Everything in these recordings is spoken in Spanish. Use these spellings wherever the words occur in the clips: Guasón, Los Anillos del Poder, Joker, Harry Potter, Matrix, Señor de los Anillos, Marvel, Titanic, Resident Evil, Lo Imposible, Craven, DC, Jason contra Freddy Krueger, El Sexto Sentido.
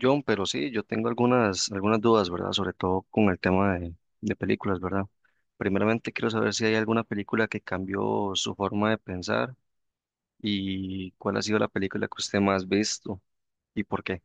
John, pero sí, yo tengo algunas dudas, ¿verdad? Sobre todo con el tema de películas, ¿verdad? Primeramente quiero saber si hay alguna película que cambió su forma de pensar y cuál ha sido la película que usted más ha visto y por qué.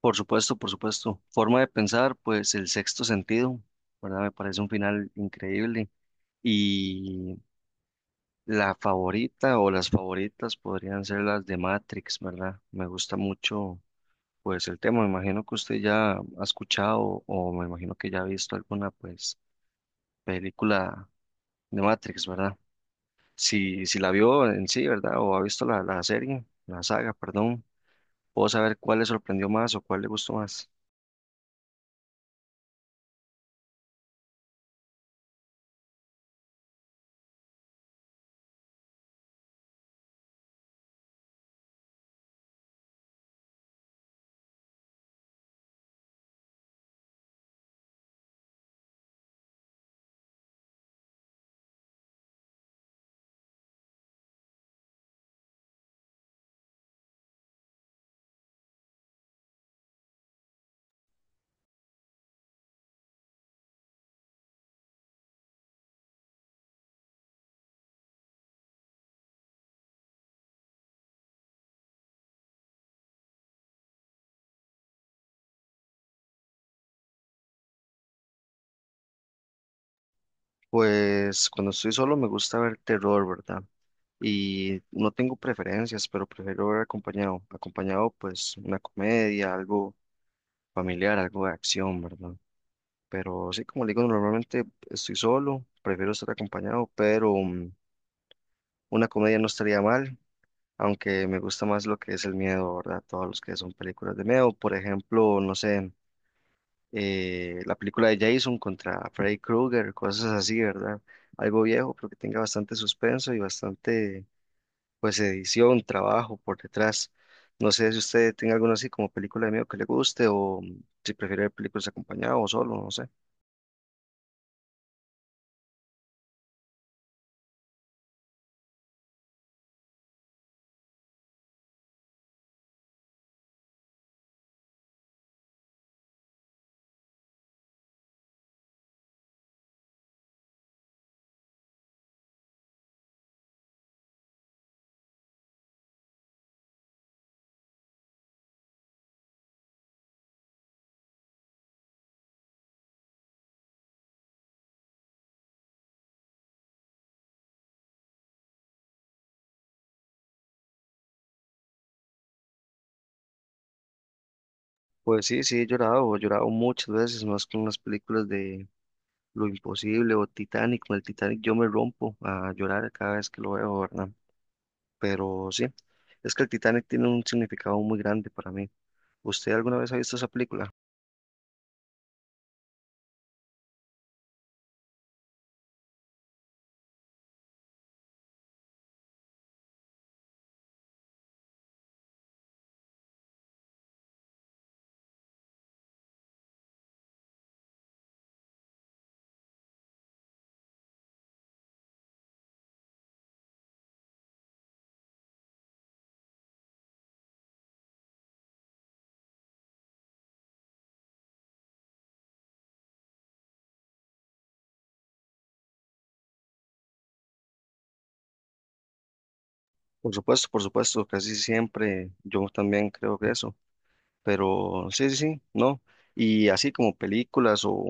Por supuesto, por supuesto. Forma de pensar, pues El Sexto Sentido, ¿verdad? Me parece un final increíble. Y la favorita o las favoritas podrían ser las de Matrix, ¿verdad? Me gusta mucho. Pues el tema, me imagino que usted ya ha escuchado o me imagino que ya ha visto alguna pues película de Matrix, ¿verdad? Si, si la vio en sí, ¿verdad? O ha visto la serie, la saga, perdón, puedo saber cuál le sorprendió más o cuál le gustó más. Pues cuando estoy solo me gusta ver terror, ¿verdad? Y no tengo preferencias, pero prefiero ver acompañado. Acompañado pues una comedia, algo familiar, algo de acción, ¿verdad? Pero sí, como le digo, normalmente estoy solo, prefiero estar acompañado, pero una comedia no estaría mal, aunque me gusta más lo que es el miedo, ¿verdad? Todos los que son películas de miedo, por ejemplo, no sé, la película de Jason contra Freddy Krueger, cosas así, ¿verdad? Algo viejo, pero que tenga bastante suspenso y bastante, pues, edición, trabajo por detrás. No sé si usted tenga alguna así como película de miedo que le guste o si prefiere ver películas acompañado o solo, no sé. Pues sí, sí, he llorado muchas veces, más con las películas de Lo Imposible o Titanic. Con el Titanic yo me rompo a llorar cada vez que lo veo, ¿verdad? Pero sí, es que el Titanic tiene un significado muy grande para mí. ¿Usted alguna vez ha visto esa película? Por supuesto, casi siempre yo también creo que eso. Pero sí, sí, sí, no. Y así como películas o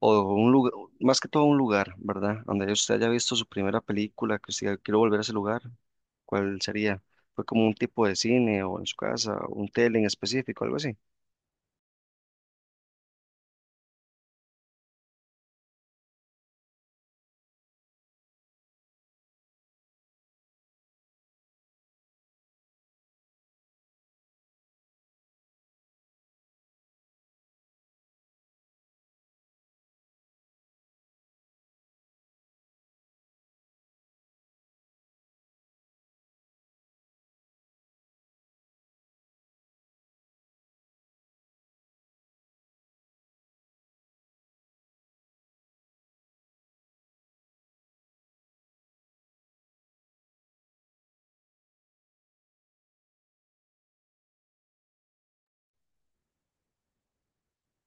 O un lugar, más que todo un lugar, ¿verdad? Donde usted haya visto su primera película, que usted diga, quiero volver a ese lugar, ¿cuál sería? ¿Fue como un tipo de cine o en su casa, o un tele en específico, algo así?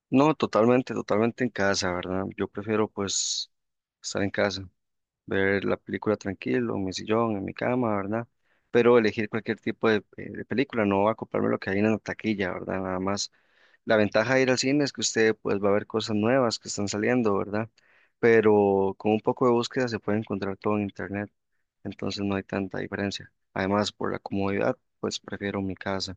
No, totalmente, totalmente en casa, ¿verdad? Yo prefiero pues estar en casa, ver la película tranquilo, en mi sillón, en mi cama, ¿verdad? Pero elegir cualquier tipo de película, no acoplarme a lo que hay en la taquilla, ¿verdad? Nada más. La ventaja de ir al cine es que usted pues va a ver cosas nuevas que están saliendo, ¿verdad? Pero con un poco de búsqueda se puede encontrar todo en internet, entonces no hay tanta diferencia. Además, por la comodidad, pues prefiero mi casa.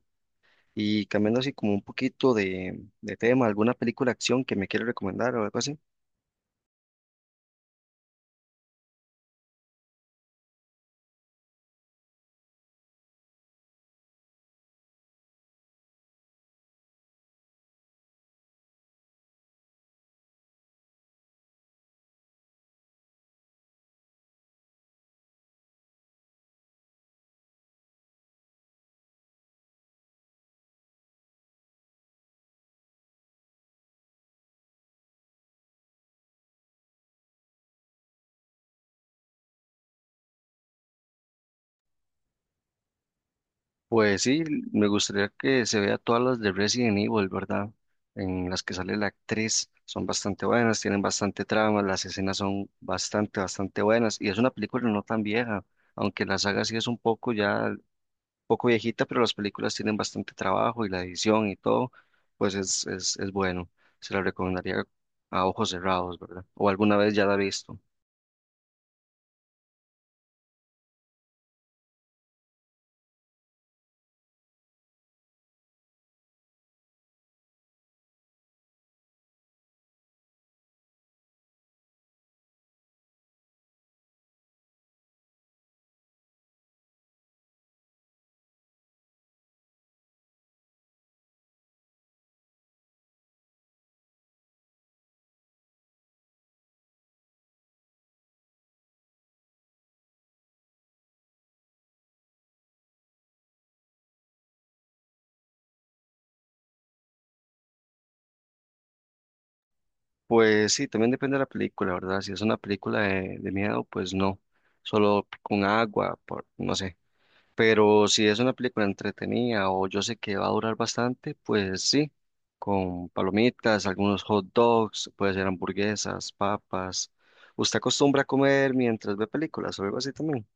Y cambiando así como un poquito de tema, ¿alguna película de acción que me quiere recomendar o algo así? Pues sí, me gustaría que se vea todas las de Resident Evil, ¿verdad? En las que sale la actriz, son bastante buenas, tienen bastante trama, las escenas son bastante buenas y es una película no tan vieja, aunque la saga sí es un poco ya, poco viejita, pero las películas tienen bastante trabajo y la edición y todo, pues es bueno. Se la recomendaría a ojos cerrados, ¿verdad? O alguna vez ya la he visto. Pues sí, también depende de la película, ¿verdad? Si es una película de miedo, pues no, solo con agua, por, no sé. Pero si es una película entretenida o yo sé que va a durar bastante, pues sí, con palomitas, algunos hot dogs, puede ser hamburguesas, papas. ¿Usted acostumbra a comer mientras ve películas o algo así también?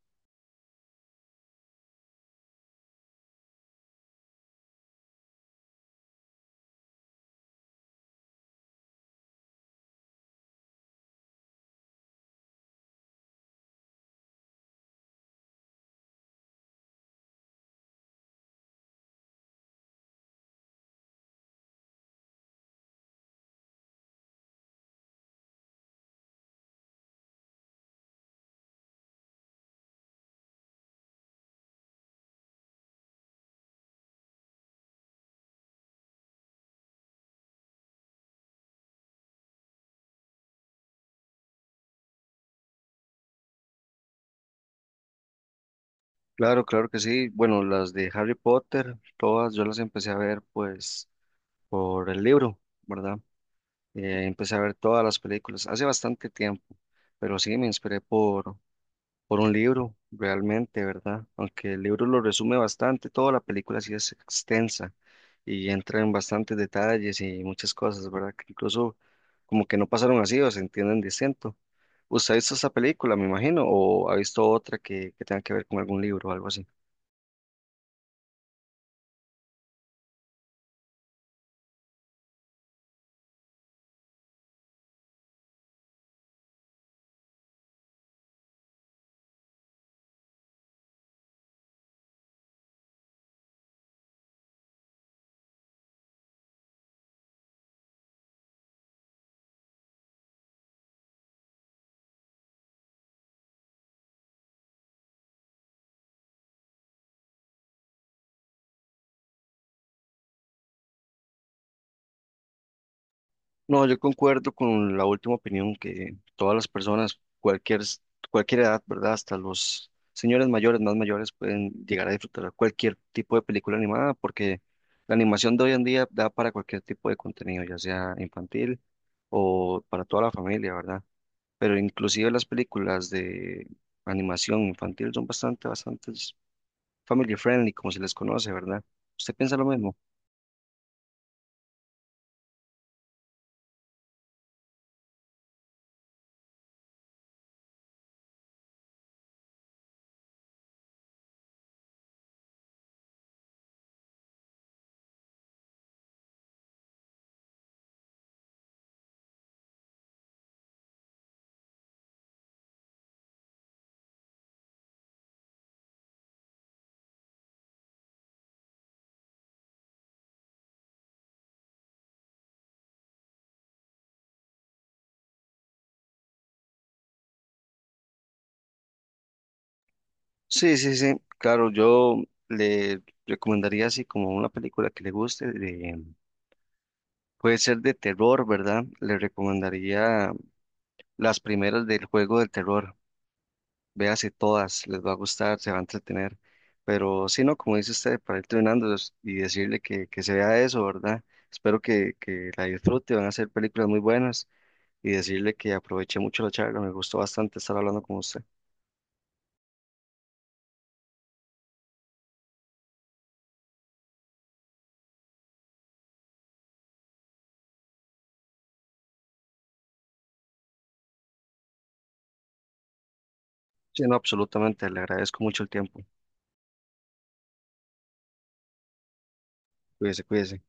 Claro, claro que sí. Bueno, las de Harry Potter, todas yo las empecé a ver pues por el libro, ¿verdad? Empecé a ver todas las películas hace bastante tiempo, pero sí me inspiré por un libro, realmente, ¿verdad? Aunque el libro lo resume bastante, toda la película sí es extensa y entra en bastantes detalles y muchas cosas, ¿verdad? Que incluso como que no pasaron así o se entienden distinto. ¿Usted ha visto esta película, me imagino, o ha visto otra que tenga que ver con algún libro o algo así? No, yo concuerdo con la última opinión que todas las personas, cualquier, cualquier edad, ¿verdad? Hasta los señores mayores, más mayores, pueden llegar a disfrutar cualquier tipo de película animada, porque la animación de hoy en día da para cualquier tipo de contenido, ya sea infantil o para toda la familia, ¿verdad? Pero inclusive las películas de animación infantil son bastante family friendly, como se les conoce, ¿verdad? ¿Usted piensa lo mismo? Sí, sí, sí, claro, yo le recomendaría así como una película que le guste, puede ser de terror, ¿verdad? Le recomendaría las primeras del juego del terror, véase todas, les va a gustar, se va a entretener, pero si no, como dice usted, para ir entrenándolos y decirle que se vea eso, ¿verdad? Espero que la disfrute, van a ser películas muy buenas y decirle que aproveché mucho la charla, me gustó bastante estar hablando con usted. Sí, no, absolutamente, le agradezco mucho el tiempo, cuídese, cuídese.